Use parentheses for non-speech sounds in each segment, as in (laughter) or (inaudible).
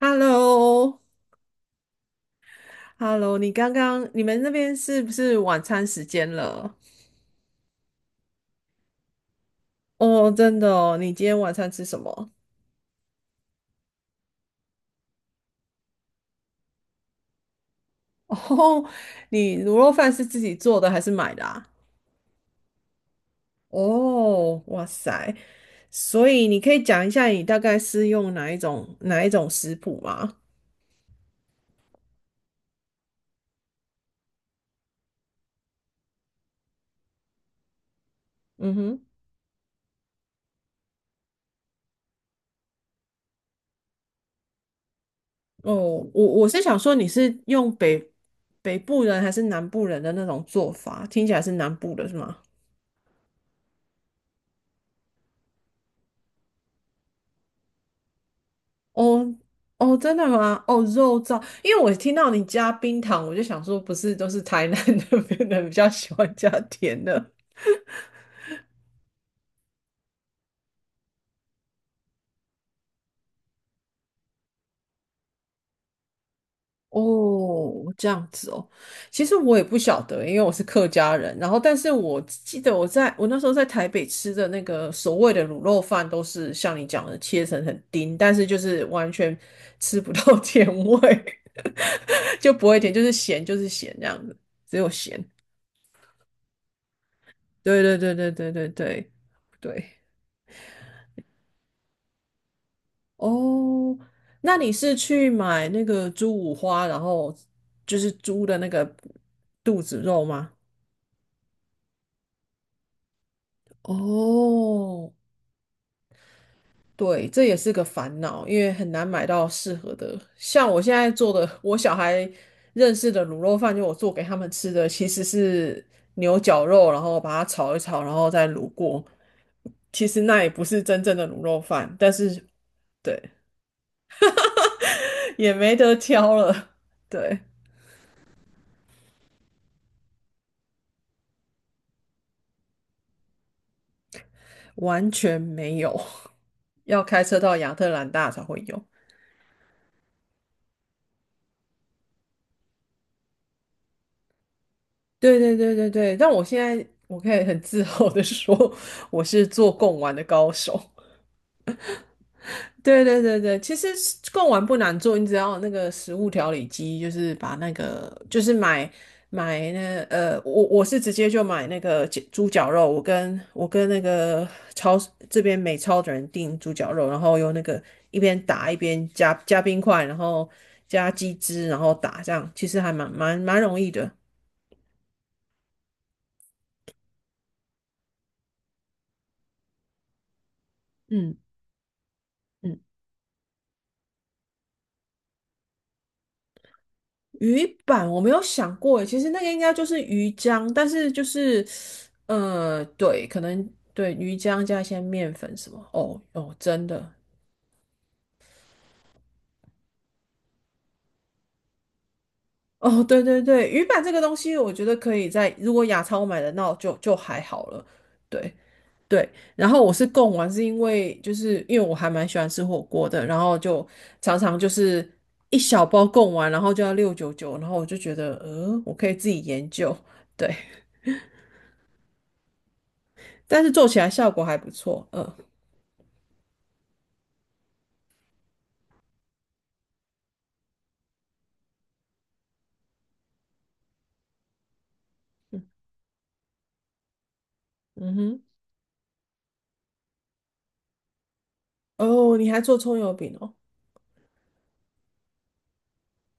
h e l l o h e l l o 你刚刚你们那边是不是晚餐时间了？哦，真的哦，你今天晚餐吃什么？(laughs) 哦，你卤肉饭是自己做的还是买的啊？哦，哇塞，所以你可以讲一下你大概是用哪一种食谱吗？嗯哼，哦，我是想说你是用北部人还是南部人的那种做法，听起来是南部的是吗？哦哦，真的吗？哦，肉燥，因为我听到你加冰糖，我就想说，不是都是台南 (laughs) 那边的人比较喜欢加甜的。 (laughs) 哦，这样子哦。其实我也不晓得，因为我是客家人。然后，但是我记得我那时候在台北吃的那个所谓的卤肉饭，都是像你讲的切成很丁，但是就是完全吃不到 (laughs) 甜味，(laughs) 就不会甜，就是咸就是咸这样子，只有咸。对对对对对对对对。哦，那你是去买那个猪五花，然后就是猪的那个肚子肉吗？哦，对，这也是个烦恼，因为很难买到适合的。像我现在做的，我小孩认识的卤肉饭，就我做给他们吃的，其实是牛角肉，然后把它炒一炒，然后再卤过。其实那也不是真正的卤肉饭，但是对，(laughs) 也没得挑了，对。完全没有，(laughs) 要开车到亚特兰大才会有。对对对对对，但我现在我可以很自豪的说，(laughs) 我是做贡丸的高手。对对对对，其实是贡丸不难做，你只要有那个食物调理机，就是把那个就是买买那呃，我是直接就买那个鸡猪脚肉，我跟那个超市这边美超的人订猪脚肉，然后用那个一边打一边加冰块，然后加鸡汁，然后打这样，其实还蛮容易的。嗯嗯。鱼板我没有想过诶，其实那个应该就是鱼浆，但是就是对，可能对鱼浆加一些面粉什么。哦哦，真的。哦，对对对，鱼板这个东西，我觉得可以在如果亚超买的，那就还好了。对对，然后我是供完，是因为就是因为我还蛮喜欢吃火锅的，然后就常常就是一小包供完，然后就要6.99，然后我就觉得，我可以自己研究，对，但是做起来效果还不错。嗯嗯哼，哦，你还做葱油饼哦，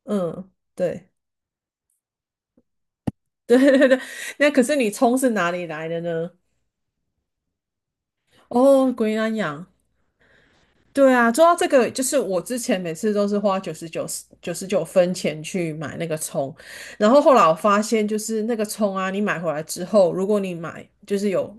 嗯，对。(laughs) 对对对，那可是你葱是哪里来的呢？哦，鬼南洋。对啊，说到这个，就是我之前每次都是花九十九分钱去买那个葱，然后后来我发现，就是那个葱啊，你买回来之后，如果你买就是有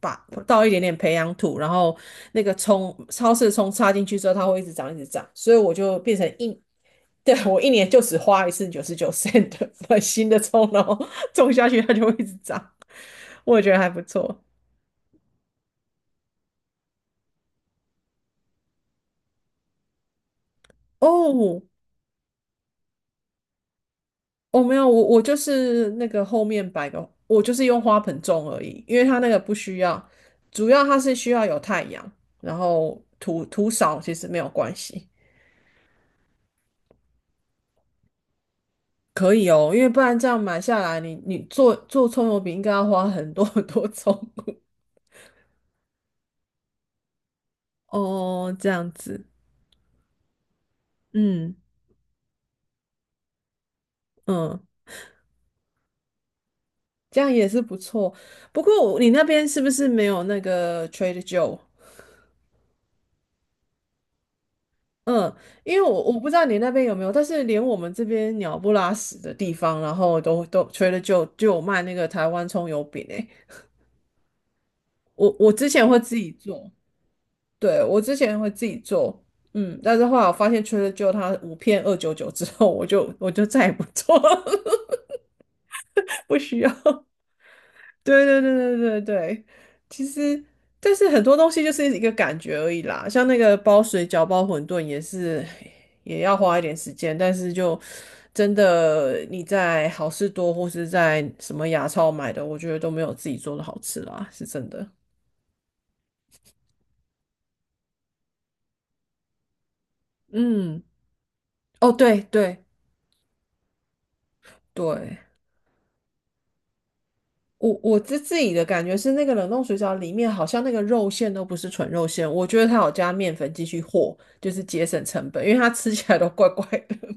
把倒一点点培养土，然后那个葱超市的葱插进去之后，它会一直长一直长，所以我就变成一，(laughs) 对，我一年就只花一次九十九 cent 买新的葱，然后种下去它就会一直长。我也觉得还不错。哦，哦，没有，我就是那个后面摆个，我就是用花盆种而已，因为它那个不需要，主要它是需要有太阳，然后土少其实没有关系，可以哦，因为不然这样买下来，你做葱油饼应该要花很多 (laughs) 很多葱。哦，这样子，嗯嗯，这样也是不错。不过你那边是不是没有那个 Trade Joe？嗯，因为我不知道你那边有没有，但是连我们这边鸟不拉屎的地方，然后都除了就有卖那个台湾葱油饼诶，我之前会自己做，对，我之前会自己做，嗯，但是后来我发现 j 了就它5片2.99之后，我就再也不做了。(laughs) 不需要。对对对对对对，其实但是很多东西就是一个感觉而已啦，像那个包水饺、包馄饨也是，也要花一点时间，但是就真的你在好事多或是在什么牙超买的，我觉得都没有自己做的好吃啦，是真的。嗯，哦，对对对，我自己的感觉是那个冷冻水饺里面好像那个肉馅都不是纯肉馅，我觉得它有加面粉继续和，就是节省成本，因为它吃起来都怪怪的。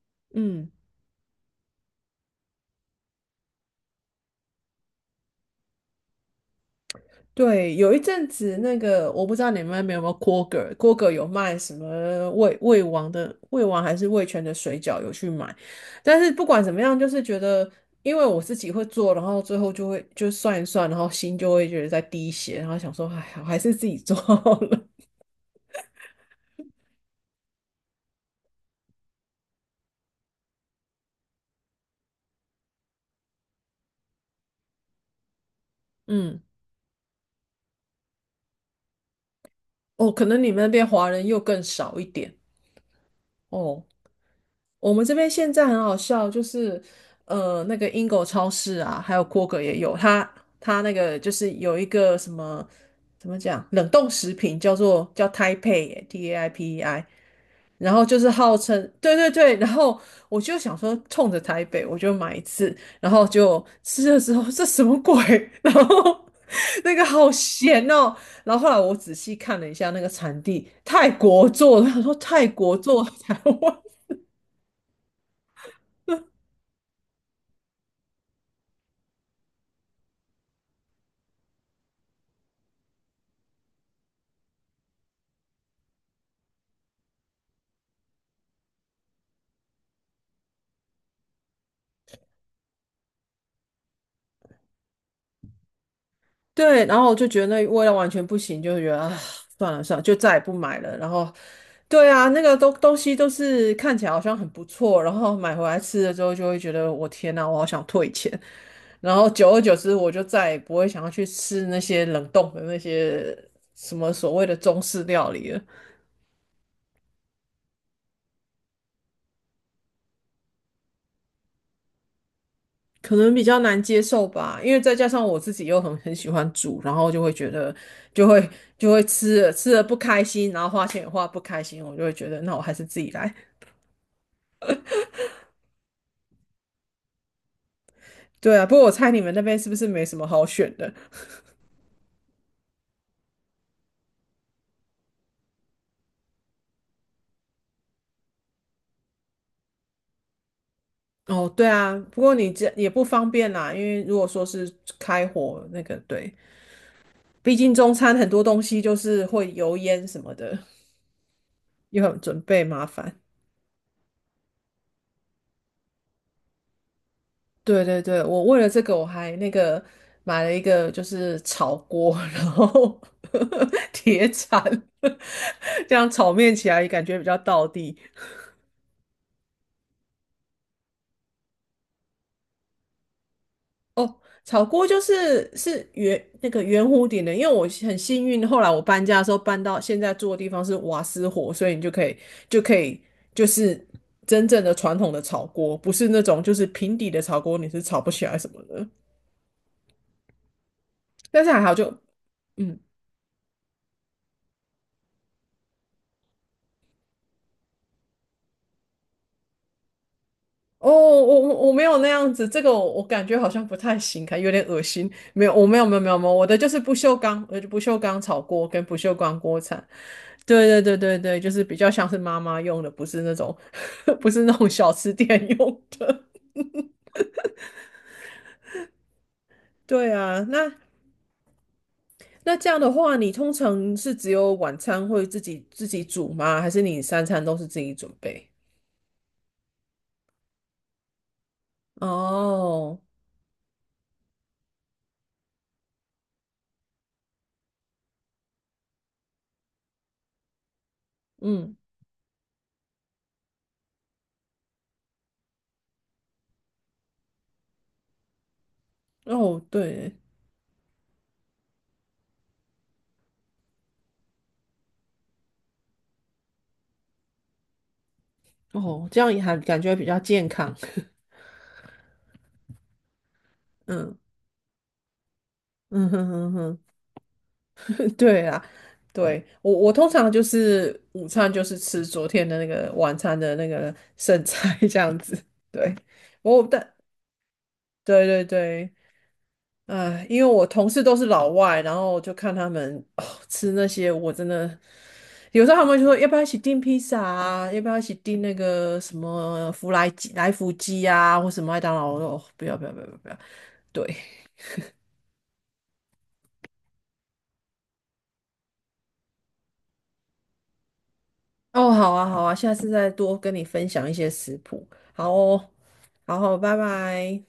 (laughs) 嗯。对，有一阵子那个，我不知道你们那边有没有 Kroger，Kroger 有卖什么味王的味王还是味全的水饺，有去买。但是不管怎么样，就是觉得，因为我自己会做，然后最后就会就算一算，然后心就会觉得在滴血，然后想说，哎，我还是自己做好了。(laughs) 嗯，哦，可能你们那边华人又更少一点。哦，我们这边现在很好笑，就是那个英狗超市啊，还有 KR 也有，它那个就是有一个什么怎么讲，冷冻食品叫做叫 Taipei T A I P E I，然后就是号称对对对，然后我就想说冲着台北我就买一次，然后就吃的时候这什么鬼，(laughs) 然后那个好咸哦，然后后来我仔细看了一下那个产地，泰国做的，他说泰国做的 (laughs) 台湾。对，然后我就觉得那味道完全不行，就觉得啊，算了算了，就再也不买了。然后，对啊，那个东西都是看起来好像很不错，然后买回来吃了之后，就会觉得我天呐，我好想退钱。然后久而久之，我就再也不会想要去吃那些冷冻的那些什么所谓的中式料理了，可能比较难接受吧。因为再加上我自己又很喜欢煮，然后就会觉得就会就会吃了不开心，然后花钱也花不开心，我就会觉得那我还是自己来。对啊，不过我猜你们那边是不是没什么好选的？哦，对啊，不过你这也不方便啦，因为如果说是开火那个，对，毕竟中餐很多东西就是会油烟什么的，又很准备麻烦。对对对，我为了这个我还那个买了一个就是炒锅，然后 (laughs) 铁铲，(laughs) 这样炒面起来感觉比较道地。哦，炒锅就是圆那个圆弧顶的，因为我很幸运，后来我搬家的时候搬到现在住的地方是瓦斯火，所以你就可以就是真正的传统的炒锅，不是那种就是平底的炒锅，你是炒不起来什么的。但是还好就，嗯，哦，我没有那样子，这个我感觉好像不太行，看有点恶心。没有，我没有没有没有没有，我的就是不锈钢，不锈钢炒锅跟不锈钢锅铲。对对对对对，就是比较像是妈妈用的，不是那种 (laughs) 不是那种小吃店用的。对啊，那这样的话，你通常是只有晚餐会自己煮吗？还是你三餐都是自己准备？哦，嗯，哦，对，哦，这样也还感觉比较健康。(laughs) 嗯。(laughs) 嗯哼哼哼，(laughs) 对啊，对，我通常就是午餐就是吃昨天的那个晚餐的那个剩菜 (laughs) 这样子，对，我但对对对，哎，因为我同事都是老外，然后我就看他们哦吃那些，我真的有时候他们就说要不要一起订披萨啊，要不要一起订那个什么福来鸡来福鸡啊，或什么麦当劳，我说哦不要不要不要不要，不要对，哦，好啊，好啊，下次再多跟你分享一些食谱。好哦，好好，拜拜。